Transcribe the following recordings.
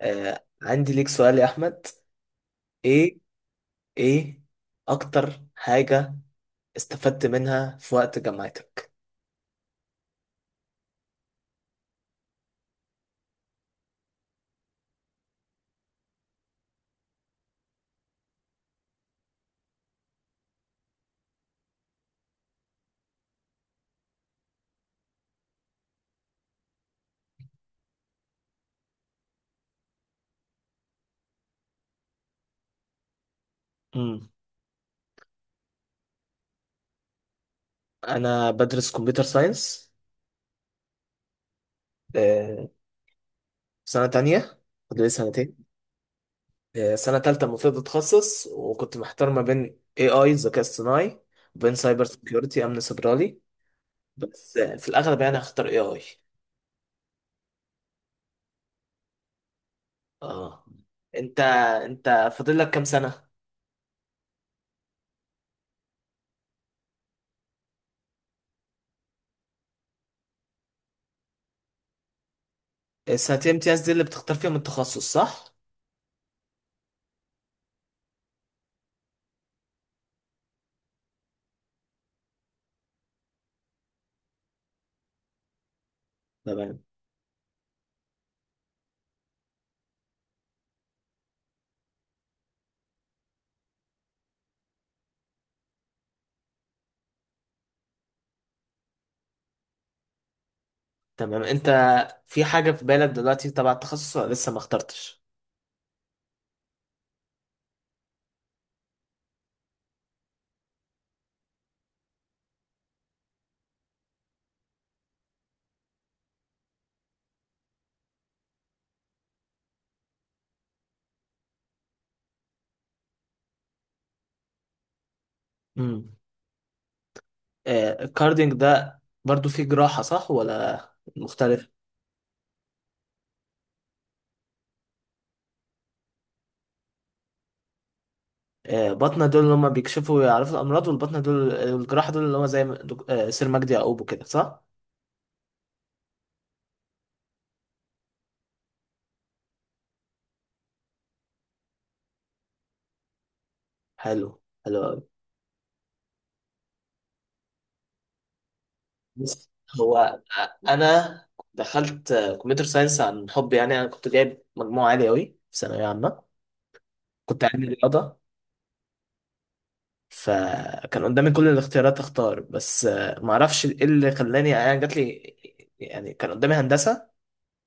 آه، عندي ليك سؤال يا احمد. ايه؟ ايه اكتر حاجة استفدت منها في وقت جامعتك؟ امم، انا بدرس كمبيوتر ساينس. آه، سنة تانية. فاضل لي سنتين. آه، سنة تالتة المفروض اتخصص، وكنت محتار ما بين اي اي ذكاء اصطناعي، وبين سايبر سيكيورتي، امن سيبراني. بس في الاغلب يعني هختار اي اي. اه. انت انت فاضل لك كام سنة؟ السنتين امتياز دي اللي بتختار فيهم التخصص، صح؟ تمام. تمام، انت في حاجة في بالك دلوقتي تبع التخصص، ولا لسه ما اخترتش؟ امم. آه، الكاردينج ده برضو فيه جراحة، صح ولا مختلف؟ آه، بطنة دول اللي هم بيكشفوا ويعرفوا الأمراض، والبطنة دول الجراحة دول اللي هم زي ما سير مجدي يعقوب كده، صح؟ حلو، حلو أوي. بص، هو أنا دخلت كمبيوتر ساينس عن حب، يعني أنا كنت جايب مجموعة عالية أوي في ثانوية عامة. كنت علمي رياضة، فكان قدامي كل الاختيارات اختار. بس ما اعرفش ايه اللي خلاني يعني جات لي. يعني كان قدامي هندسه،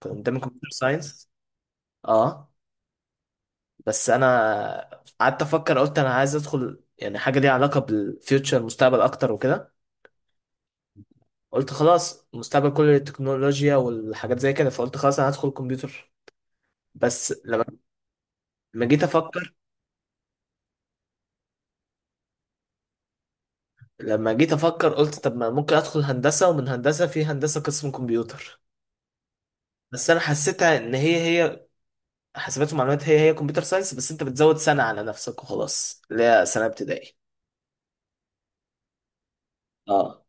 كان قدامي كمبيوتر ساينس. اه. بس انا قعدت افكر، قلت انا عايز ادخل يعني حاجه ليها علاقه بالفيوتشر، المستقبل اكتر وكده. قلت خلاص، المستقبل كله التكنولوجيا والحاجات زي كده، فقلت خلاص انا هدخل كمبيوتر. بس لما لما جيت افكر، قلت طب ما ممكن ادخل هندسه، ومن هندسه في هندسه قسم كمبيوتر. بس انا حسيتها ان هي هي، حاسبات ومعلومات هي هي كمبيوتر ساينس، بس انت بتزود سنة على نفسك وخلاص، اللي هي سنة ابتدائي. اه.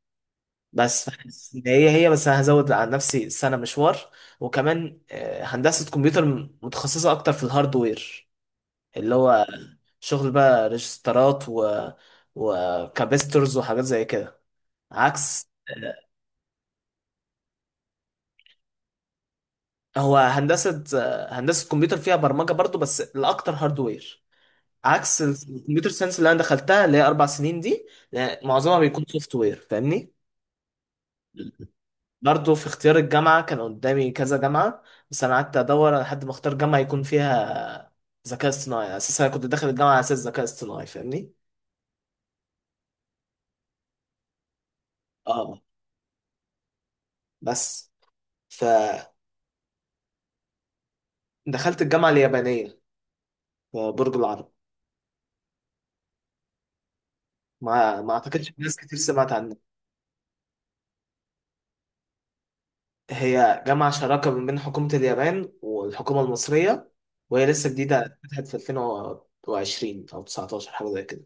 بس فحاسس ان هي هي، بس انا هزود على نفسي سنة مشوار. وكمان هندسة كمبيوتر متخصصة اكتر في الهاردوير، اللي هو شغل بقى ريجسترات و وكابسترز وحاجات زي كده، عكس هو هندسة، هندسة كمبيوتر فيها برمجة برضو، بس الأكتر هاردوير. عكس الكمبيوتر ساينس اللي أنا دخلتها، اللي هي أربع سنين دي. لا، معظمها بيكون سوفت وير، فاهمني؟ برضه في اختيار الجامعة كان قدامي كذا جامعة، بس أنا قعدت أدور لحد ما أختار جامعة يكون فيها ذكاء اصطناعي. أساسا أنا كنت داخل الجامعة على أساس ذكاء اصطناعي، فاهمني؟ أه. بس فدخلت الجامعة اليابانية في برج العرب. ما أعتقدش ناس كتير سمعت عنها. هي جامعة شراكة ما بين حكومة اليابان والحكومة المصرية، وهي لسه جديدة، فتحت في 2020 أو 19 حاجة زي كده.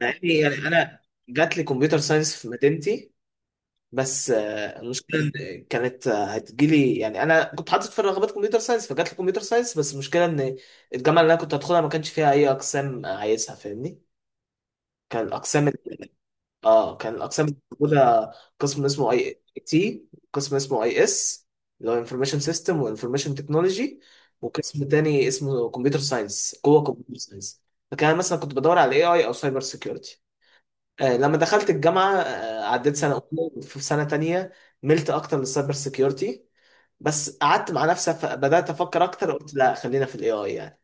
يعني أنا جات لي كمبيوتر ساينس في مدينتي. بس المشكله إن كانت هتجيلي، يعني انا كنت حاطط في الرغبات كمبيوتر ساينس، فجات لي كمبيوتر ساينس. بس المشكله ان الجامعه اللي انا كنت هدخلها ما كانش فيها اي اقسام عايزها، فاهمني؟ كان الاقسام ال- اه كان الاقسام اللي موجوده قسم اسمه اي تي، قسم اسمه اي اس، اللي هو انفورميشن سيستم وانفورميشن تكنولوجي، وقسم تاني اسمه كمبيوتر ساينس. جوه كمبيوتر ساينس فكان أنا مثلا كنت بدور على اي اي او سايبر سيكيورتي. آه، لما دخلت الجامعة عديت سنة أولى في سنة تانية، ملت أكتر للسايبر سيكيورتي. بس قعدت مع نفسي، بدأت أفكر أكتر، قلت لا خلينا في الاي اي يعني.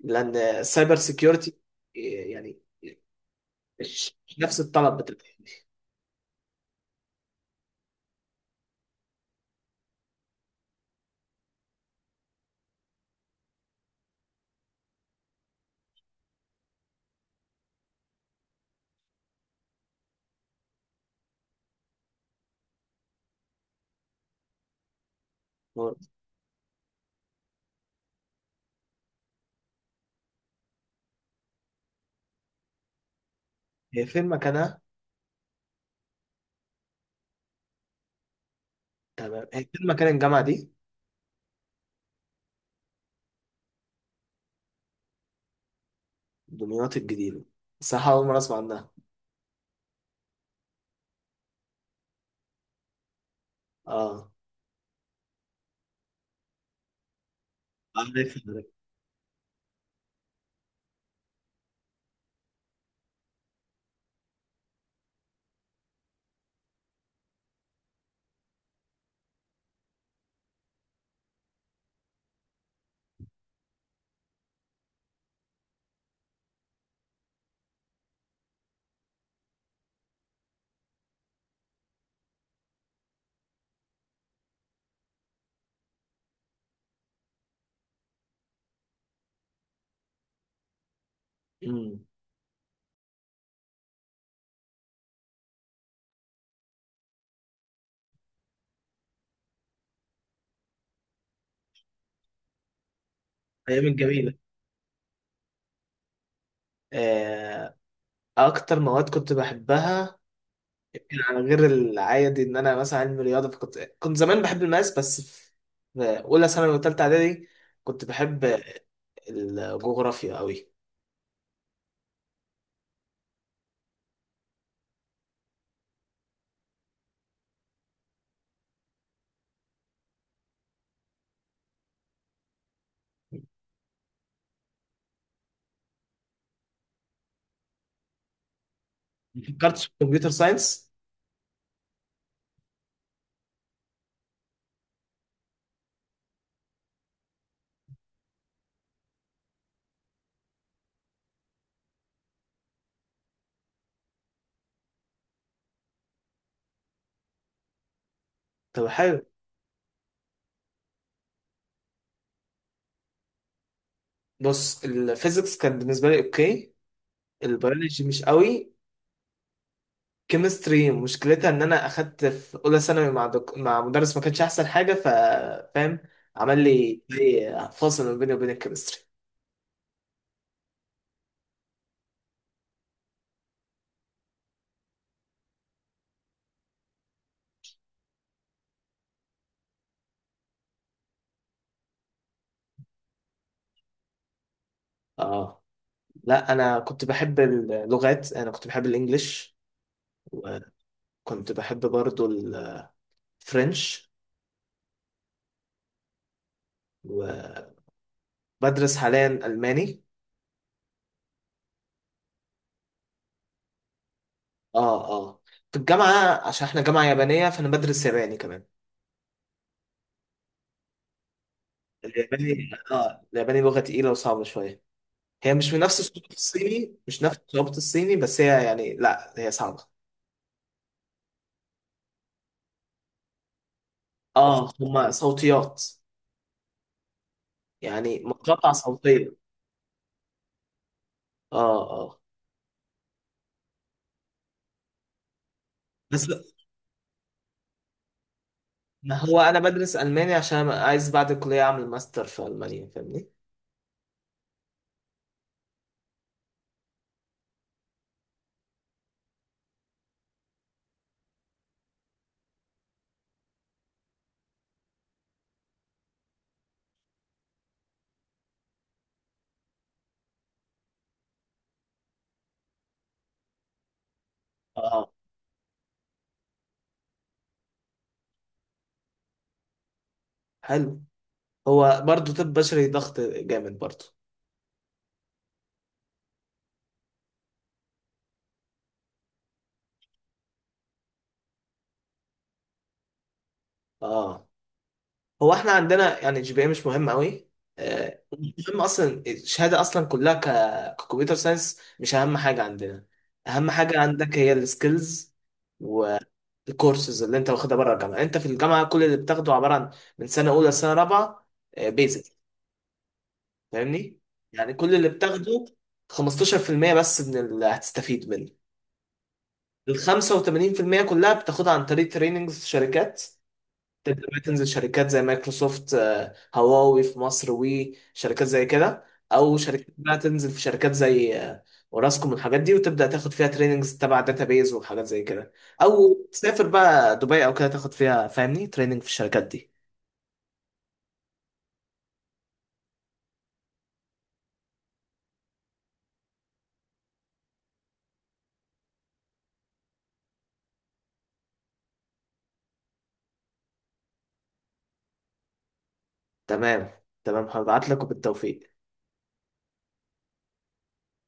لأن السايبر سيكيورتي يعني مش نفس الطلب بتاع دي. هي فين مكانها؟ تمام، هي فين مكان الجامعة دي؟ دمياط الجديدة، صح؟ أول مرة أسمع عنها. أه. عارف، عارف. أمم. أيام الجميلة. آه، أكتر مواد كنت بحبها، يعني غير العادي ان انا مثلا علمي رياضه، فكنت زمان بحب الماس، بس في في اولى ثانوي وثالثه اعدادي كنت بحب الجغرافيا قوي. ما فكرتش في كمبيوتر ساينس؟ طب حلو. بص، الفيزيكس كان بالنسبه لي اوكي، البيولوجي مش قوي. كيمستري مشكلتها ان انا اخدت في اولى ثانوي مع مع مدرس ما كانش احسن حاجه، ف فاهم، عمل لي زي فاصل ما بيني وبين الكيمستري. اه. لا، انا كنت بحب اللغات، انا كنت بحب الانجليش، كنت بحب برضو الفرنش. وبدرس حاليا ألماني. اه، اه. في الجامعة، عشان احنا جامعة يابانية، فأنا بدرس ياباني كمان. الياباني، اه الياباني لغة تقيلة وصعبة شوية. هي مش من نفس صعوبة الصيني، مش نفس صعوبة الصيني، بس هي يعني، لا هي صعبة. اه، هما صوتيات، يعني مقاطع صوتية. اه، اه. بس ما هو أنا بدرس ألماني عشان عايز بعد الكلية أعمل ماستر في ألمانيا، فاهمني؟ اه. حلو. هو برضه طب بشري ضغط جامد برضه. اه. هو احنا عندنا يعني الجي بي اي مش مهم قوي. آه، المهم اصلا الشهاده اصلا كلها ككمبيوتر ساينس مش اهم حاجه عندنا. اهم حاجه عندك هي السكيلز، والكورسز اللي انت واخدها بره الجامعه. انت في الجامعه كل اللي بتاخده عباره عن، من سنه اولى لسنه رابعه، بيزك، فاهمني؟ يعني كل اللي بتاخده 15% بس من اللي هتستفيد منه. ال 85% كلها بتاخدها عن طريق تريننجز في شركات. تبدأ بقى تنزل شركات زي مايكروسوفت، هواوي في مصر، وي شركات زي كده. او شركات بقى تنزل في شركات زي اوراسكوم والحاجات دي، وتبدأ تاخد فيها تريننجز تبع داتابيز وحاجات زي كده. او تسافر بقى دبي او كده، تاخد فيها فاهمني تريننج في الشركات دي. تمام. تمام، هبعت لك، وبالتوفيق.